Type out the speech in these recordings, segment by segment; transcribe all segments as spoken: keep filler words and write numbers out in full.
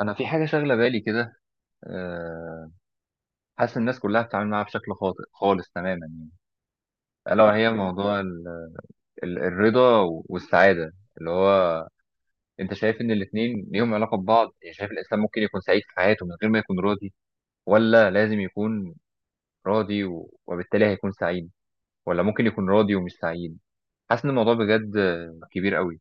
انا في حاجه شاغله بالي كده. آه، حاسس الناس كلها بتتعامل معاها بشكل خاطئ خالص تماما، الا وهي موضوع ال- ال- الرضا والسعاده. اللي هو انت شايف ان الاثنين ليهم علاقه ببعض؟ يعني شايف الانسان ممكن يكون سعيد في حياته من غير ما يكون راضي، ولا لازم يكون راضي و- وبالتالي هيكون سعيد، ولا ممكن يكون راضي ومش سعيد؟ حاسس ان الموضوع بجد آه، كبير قوي.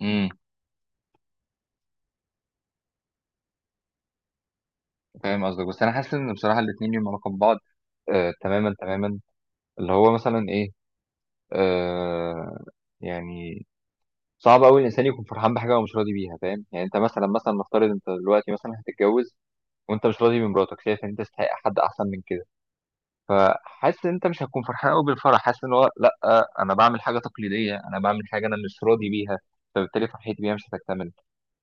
امم. فاهم قصدك، بس انا حاسس ان بصراحه الاثنين ليهم علاقه ببعض، آه، تماما تماما. اللي هو مثلا ايه؟ آه يعني صعب قوي الانسان يكون فرحان بحاجه هو مش راضي بيها، فاهم؟ يعني انت مثلا، مثلا نفترض انت دلوقتي مثلا هتتجوز، وانت مش راضي بمراتك، شايف ان انت تستحق حد احسن من كده، فحاسس ان انت مش هتكون فرحان قوي بالفرح. حاسس ان هو لا، انا بعمل حاجه تقليديه، انا بعمل حاجه انا مش راضي بيها، فبالتالي فرحتي بيها مش هتكتمل.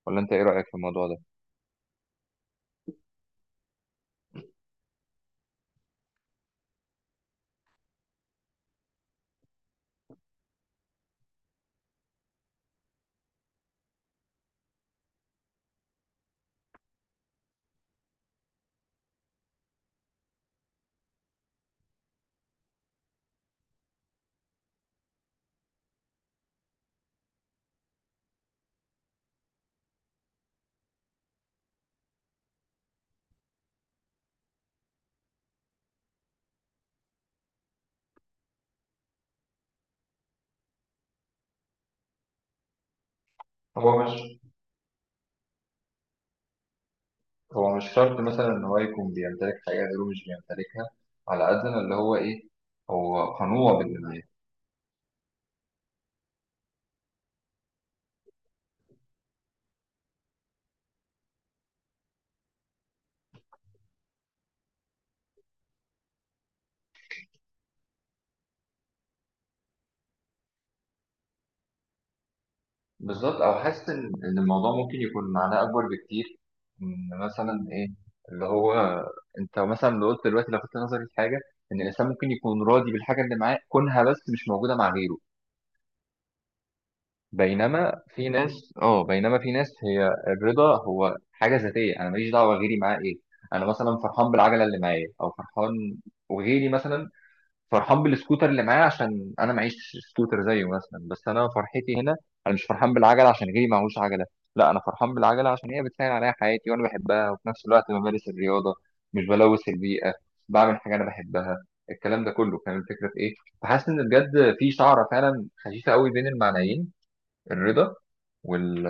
ولا انت ايه رايك في الموضوع ده؟ هو مش هو مش شرط مثلا ان هو يكون بيمتلك حاجات غيره مش بيمتلكها، على قد ما اللي هو ايه، هو قنوع باللي معاه. بالظبط. او حاسس ان إن الموضوع ممكن يكون معناه اكبر بكتير. ان مثلا ايه، اللي هو انت مثلا لو قلت دلوقتي، لفت نظري في حاجه، ان الانسان ممكن يكون راضي بالحاجه اللي معاه كونها بس مش موجوده مع غيره. بينما في ناس اه بينما في ناس هي الرضا هو حاجه ذاتيه، انا ماليش دعوه غيري معاه. ايه، انا مثلا فرحان بالعجله اللي معايا، او فرحان، وغيري مثلا فرحان بالسكوتر اللي معايا، عشان انا معيش سكوتر زيه مثلا. بس انا فرحتي هنا، انا مش فرحان بالعجله عشان غيري معهوش عجله، لا، انا فرحان بالعجله عشان هي بتسهل عليا حياتي وانا بحبها، وفي نفس الوقت بمارس الرياضه، مش بلوث البيئه، بعمل حاجه انا بحبها. الكلام ده كله فاهم الفكره في ايه؟ فحاسس ان بجد في شعره فعلا خفيفه قوي بين المعنيين، الرضا وال...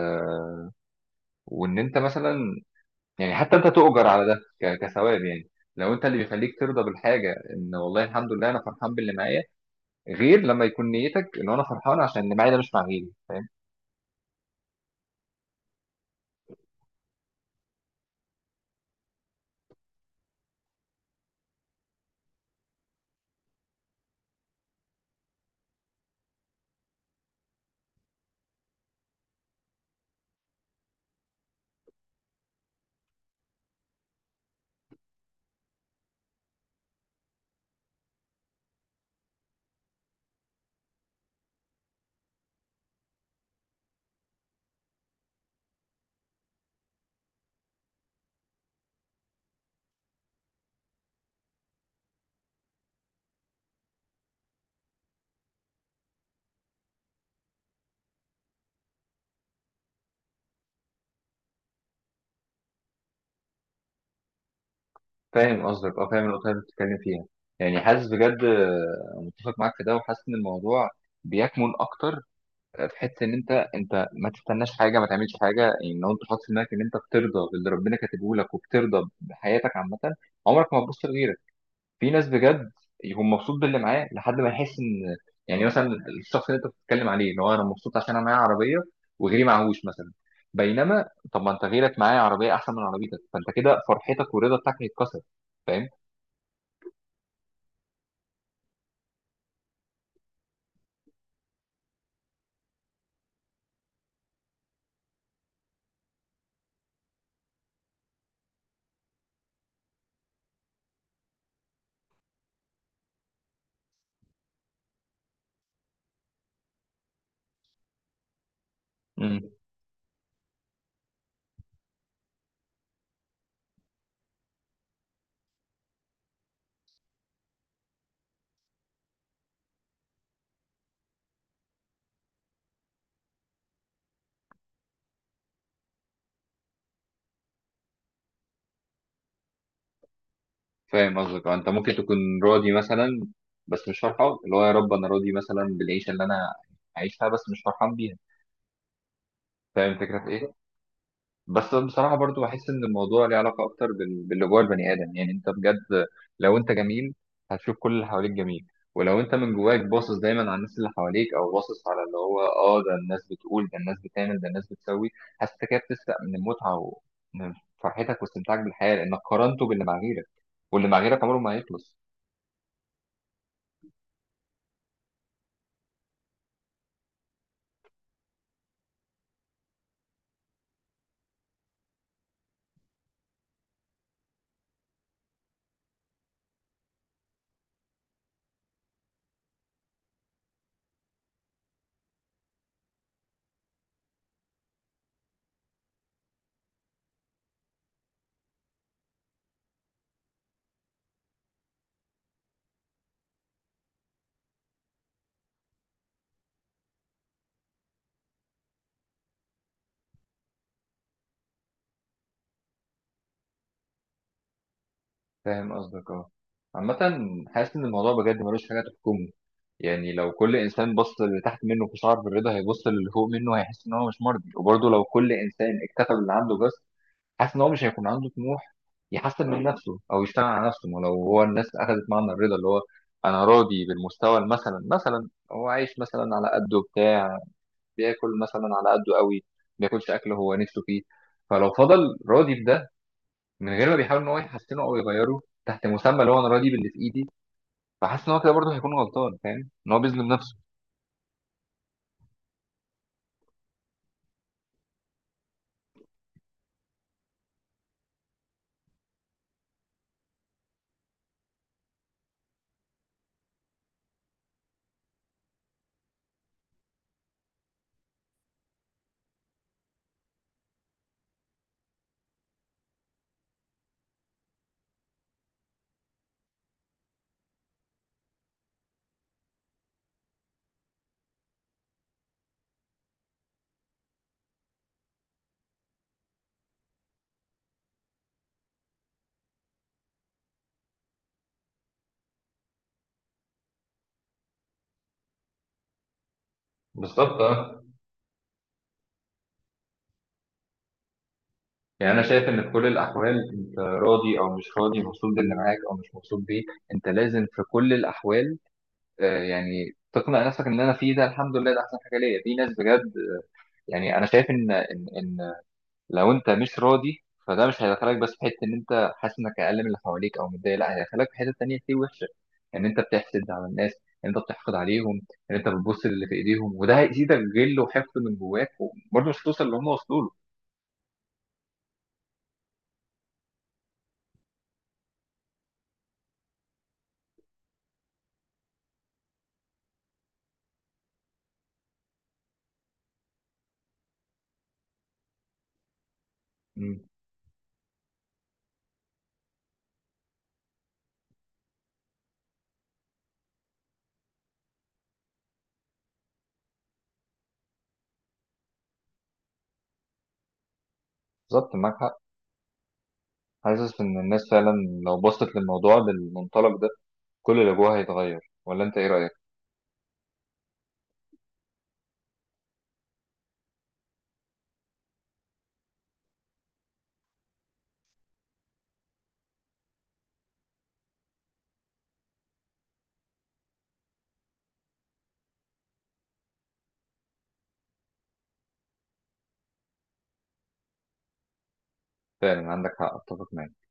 وان انت مثلا يعني، حتى انت تؤجر على ده ك... كثواب يعني. لو انت اللي بيخليك ترضى بالحاجه ان والله الحمد لله انا فرحان باللي معايا، غير لما يكون نيتك ان انا فرحان عشان اللي معايا ده مش مع غيري. فاهم؟ فاهم قصدك. اه فاهم النقطه اللي أنت بتتكلم فيها. يعني حاسس بجد، آه، متفق معاك في ده، وحاسس ان الموضوع بيكمن اكتر آه، في حته ان انت انت ما تستناش حاجه، ما تعملش حاجه. يعني لو انت حاطط في دماغك ان انت بترضى باللي ربنا كاتبه لك، وبترضى بحياتك عامه، عمرك ما هتبص لغيرك. في ناس بجد يكون مبسوط باللي معاه لحد ما يحس ان، يعني مثلا الشخص اللي انت بتتكلم عليه، ان هو انا مبسوط عشان انا معايا عربيه وغيري معهوش مثلا. بينما طب ما انت غيرك معاه عربيه احسن من عربيتك، فانت كده فرحتك والرضا بتاعك هيتكسر. فاهم؟ مم. فاهم قصدك. آه، انت ممكن تكون راضي مثلا بس مش فرحان. اللي هو يا رب انا راضي مثلا بالعيشه اللي انا عايشها بس مش فرحان بيها. فاهم الفكره في ايه؟ بس بصراحة برضو بحس إن الموضوع ليه علاقة أكتر بال- باللي جوه البني آدم. يعني أنت بجد لو أنت جميل هتشوف كل اللي حواليك جميل. ولو أنت من جواك باصص دايما على الناس اللي حواليك، أو باصص على اللي هو آه ده الناس بتقول، ده الناس بتعمل، ده الناس بتسوي، حاسس إنك كده بتسرق من المتعة ومن فرحتك واستمتاعك بالحياة، لأنك قارنته باللي مع غيرك، واللي مع غيرك عمره ما هيخلص. فاهم قصدك. اه عامة حاسس إن الموضوع بجد ملوش حاجة تحكمه. يعني لو كل إنسان بص للي تحت منه في شعر بالرضا، هيبص للي فوق منه هيحس إن هو مش مرضي. وبرضه لو كل إنسان اكتفى باللي عنده بس، حاسس إن هو مش هيكون عنده طموح يحسن من نفسه أو يشتغل على نفسه. ما لو هو الناس أخذت معنى الرضا اللي هو أنا راضي بالمستوى، مثلا مثلا هو عايش مثلا على قده بتاع، بياكل مثلا على قده قوي، ما بياكلش أكل هو نفسه فيه، فلو فضل راضي بده من غير ما بيحاول ان هو يحسنه او يغيره، تحت مسمى اللي هو انا راضي باللي في ايدي، فحاسس ان هو كده برضه هيكون غلطان، فاهم ان هو بيظلم نفسه. بالظبط، اه. يعني انا شايف ان في كل الاحوال، انت راضي او مش راضي، مبسوط باللي معاك او مش مبسوط بيه، انت لازم في كل الاحوال آه، يعني تقنع نفسك ان انا فيه ده الحمد لله، ده احسن حاجه ليا. في ناس بجد آه، يعني انا شايف ان ان ان لو انت مش راضي، فده مش هيدخلك بس في حته ان انت حاسس انك اقل من اللي حواليك او متضايق، لا، هيدخلك في حته تانيه كتير وحشه. ان انت بتحسد على الناس، ان انت بتحقد عليهم، ان انت بتبص للي في ايديهم، وده هيزيدك غل وحقد من جواك، وبرضه مش هتوصل اللي هم وصلوا له. مم. بالظبط، معاك حق. حاسس ان الناس فعلا لو بصت للموضوع بالمنطلق ده، كل اللي جواها هيتغير. ولا انت ايه رايك؟ فعلا عندك حق، اتفق معاك.